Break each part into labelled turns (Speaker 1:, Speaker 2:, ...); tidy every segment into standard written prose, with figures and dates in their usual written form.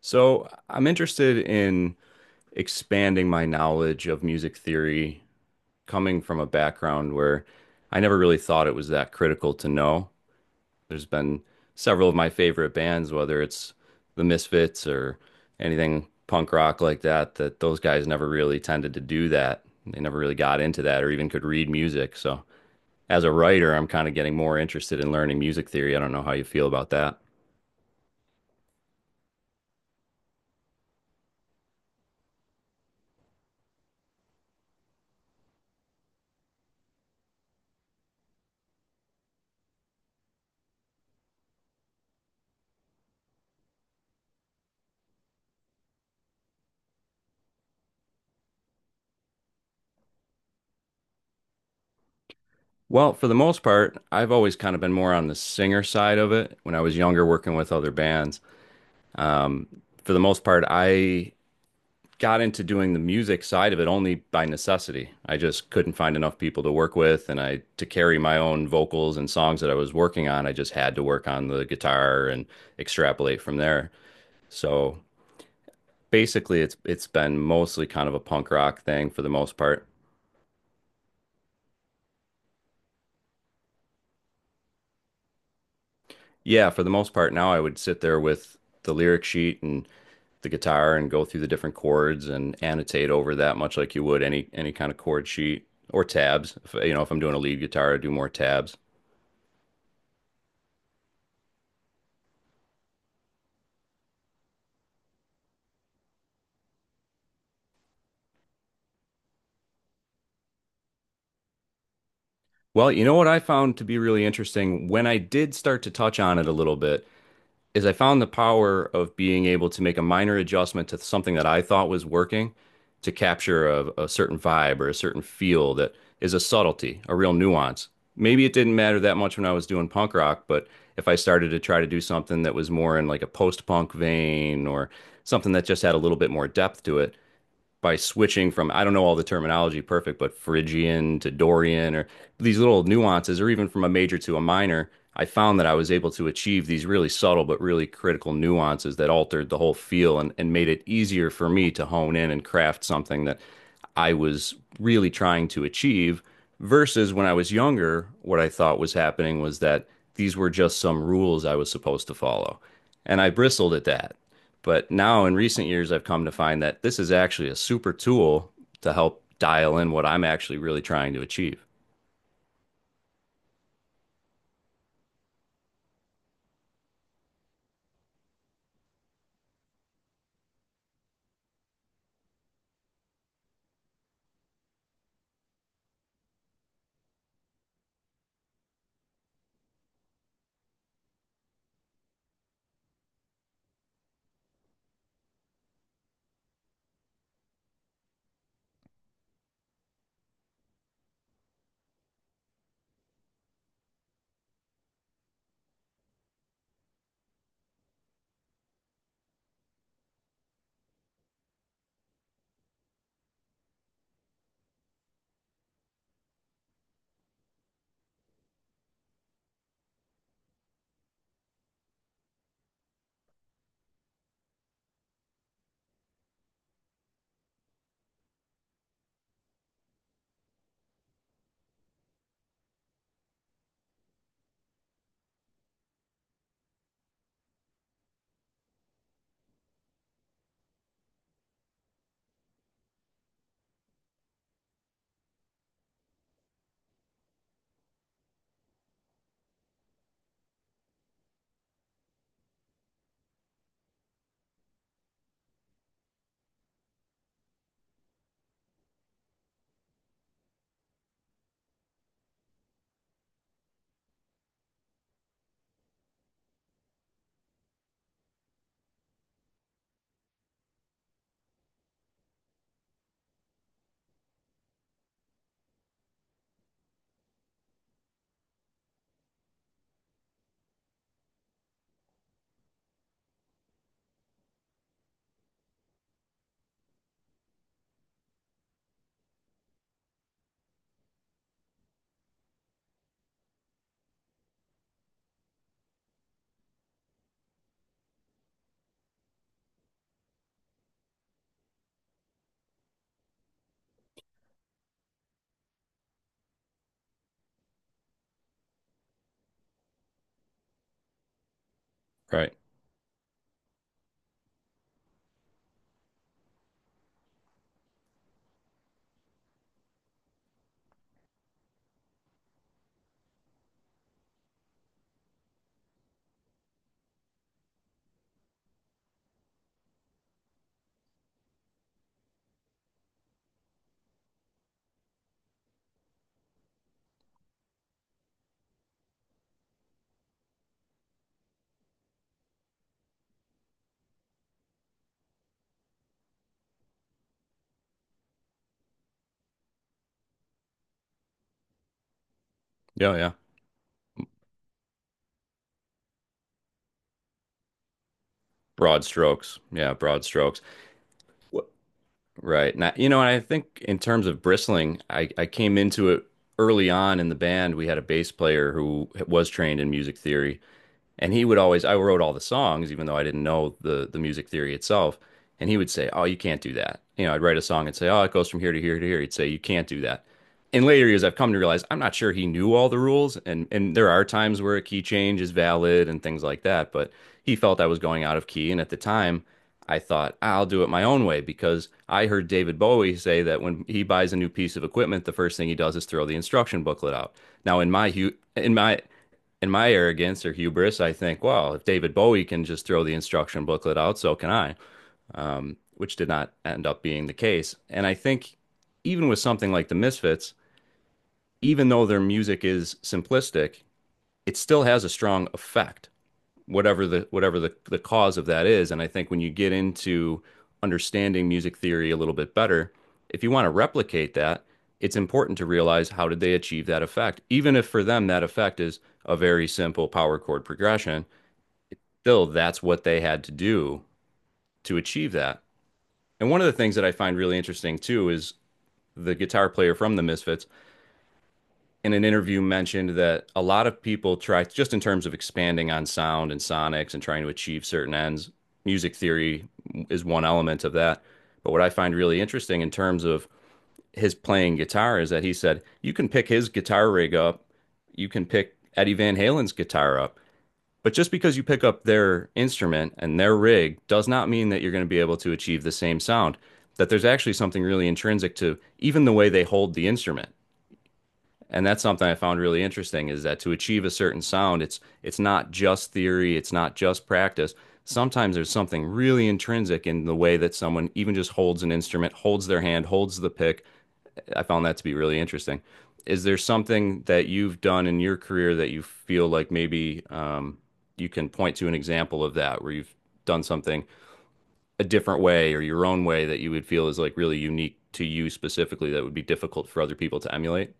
Speaker 1: So I'm interested in expanding my knowledge of music theory, coming from a background where I never really thought it was that critical to know. There's been several of my favorite bands, whether it's the Misfits or anything punk rock like that, that those guys never really tended to do that. They never really got into that or even could read music. So as a writer, I'm kind of getting more interested in learning music theory. I don't know how you feel about that. Well, for the most part, I've always kind of been more on the singer side of it when I was younger working with other bands. Um, for the most part, I got into doing the music side of it only by necessity. I just couldn't find enough people to work with, and I to carry my own vocals and songs that I was working on, I just had to work on the guitar and extrapolate from there. So basically, it's been mostly kind of a punk rock thing for the most part. Yeah, for the most part now I would sit there with the lyric sheet and the guitar and go through the different chords and annotate over that much like you would any kind of chord sheet or tabs. If, you know, if I'm doing a lead guitar, I do more tabs. Well, you know what I found to be really interesting when I did start to touch on it a little bit is I found the power of being able to make a minor adjustment to something that I thought was working to capture a certain vibe or a certain feel that is a subtlety, a real nuance. Maybe it didn't matter that much when I was doing punk rock, but if I started to try to do something that was more in like a post-punk vein or something that just had a little bit more depth to it, by switching from I don't know all the terminology perfect, but Phrygian to Dorian or these little nuances, or even from a major to a minor, I found that I was able to achieve these really subtle but really critical nuances that altered the whole feel and made it easier for me to hone in and craft something that I was really trying to achieve. Versus when I was younger, what I thought was happening was that these were just some rules I was supposed to follow. And I bristled at that, but now in recent years, I've come to find that this is actually a super tool to help dial in what I'm actually really trying to achieve. Right. Yeah. Yeah. Broad strokes. Yeah. Broad strokes. What? Right. Now, you know, and I think in terms of bristling, I came into it early on in the band. We had a bass player who was trained in music theory. And he would always, I wrote all the songs, even though I didn't know the music theory itself. And he would say, "Oh, you can't do that." You know, I'd write a song and say, "Oh, it goes from here to here to here." He'd say, "You can't do that." In later years, I've come to realize I'm not sure he knew all the rules, and there are times where a key change is valid and things like that. But he felt I was going out of key, and at the time, I thought I'll do it my own way because I heard David Bowie say that when he buys a new piece of equipment, the first thing he does is throw the instruction booklet out. Now, in my arrogance or hubris, I think, well, if David Bowie can just throw the instruction booklet out, so can I, which did not end up being the case. And I think even with something like the Misfits, even though their music is simplistic, it still has a strong effect, whatever the the cause of that is. And I think when you get into understanding music theory a little bit better, if you want to replicate that, it's important to realize how did they achieve that effect. Even if for them that effect is a very simple power chord progression, still that's what they had to do to achieve that. And one of the things that I find really interesting too is the guitar player from the Misfits in an interview mentioned that a lot of people try just in terms of expanding on sound and sonics and trying to achieve certain ends. Music theory is one element of that. But what I find really interesting in terms of his playing guitar is that he said you can pick his guitar rig up, you can pick Eddie Van Halen's guitar up, but just because you pick up their instrument and their rig does not mean that you're going to be able to achieve the same sound. That there's actually something really intrinsic to even the way they hold the instrument, and that's something I found really interesting is that to achieve a certain sound, it's not just theory, it's not just practice. Sometimes there's something really intrinsic in the way that someone even just holds an instrument, holds their hand, holds the pick. I found that to be really interesting. Is there something that you've done in your career that you feel like maybe you can point to an example of that where you've done something a different way or your own way that you would feel is like really unique to you specifically that would be difficult for other people to emulate?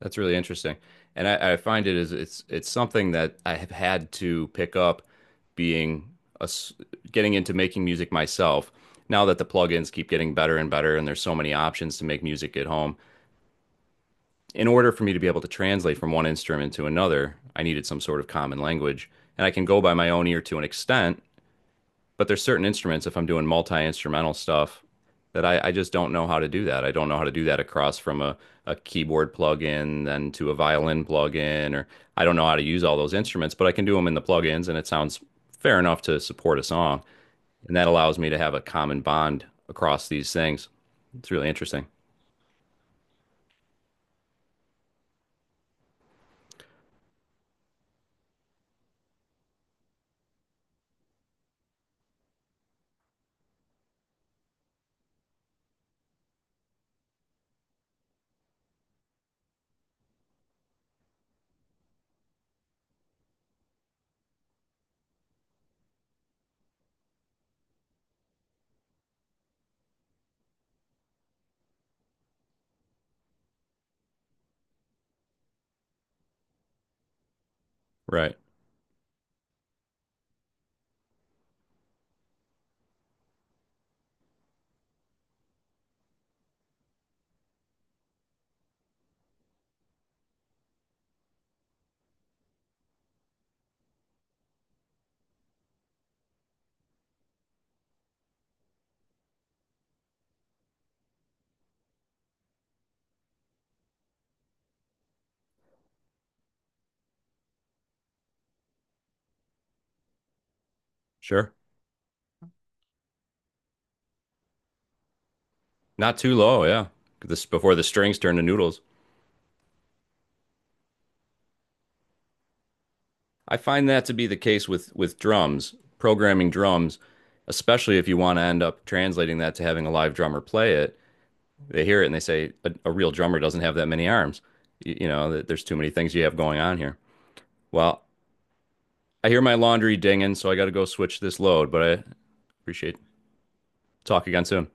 Speaker 1: That's really interesting. And I find it is it's something that I have had to pick up being a s getting into making music myself. Now that the plugins keep getting better and better and there's so many options to make music at home, in order for me to be able to translate from one instrument to another, I needed some sort of common language. And I can go by my own ear to an extent, but there's certain instruments if I'm doing multi-instrumental stuff that I just don't know how to do that. I don't know how to do that across from a keyboard plugin then to a violin plugin, or I don't know how to use all those instruments, but I can do them in the plugins and it sounds fair enough to support a song. And that allows me to have a common bond across these things. It's really interesting. Right. Sure. Not too low. Yeah. This before the strings turn to noodles. I find that to be the case with drums, programming drums, especially if you want to end up translating that to having a live drummer play it. They hear it and they say a real drummer doesn't have that many arms. You know, there's too many things you have going on here. Well, I hear my laundry dinging, so I got to go switch this load, but I appreciate it. Talk again soon.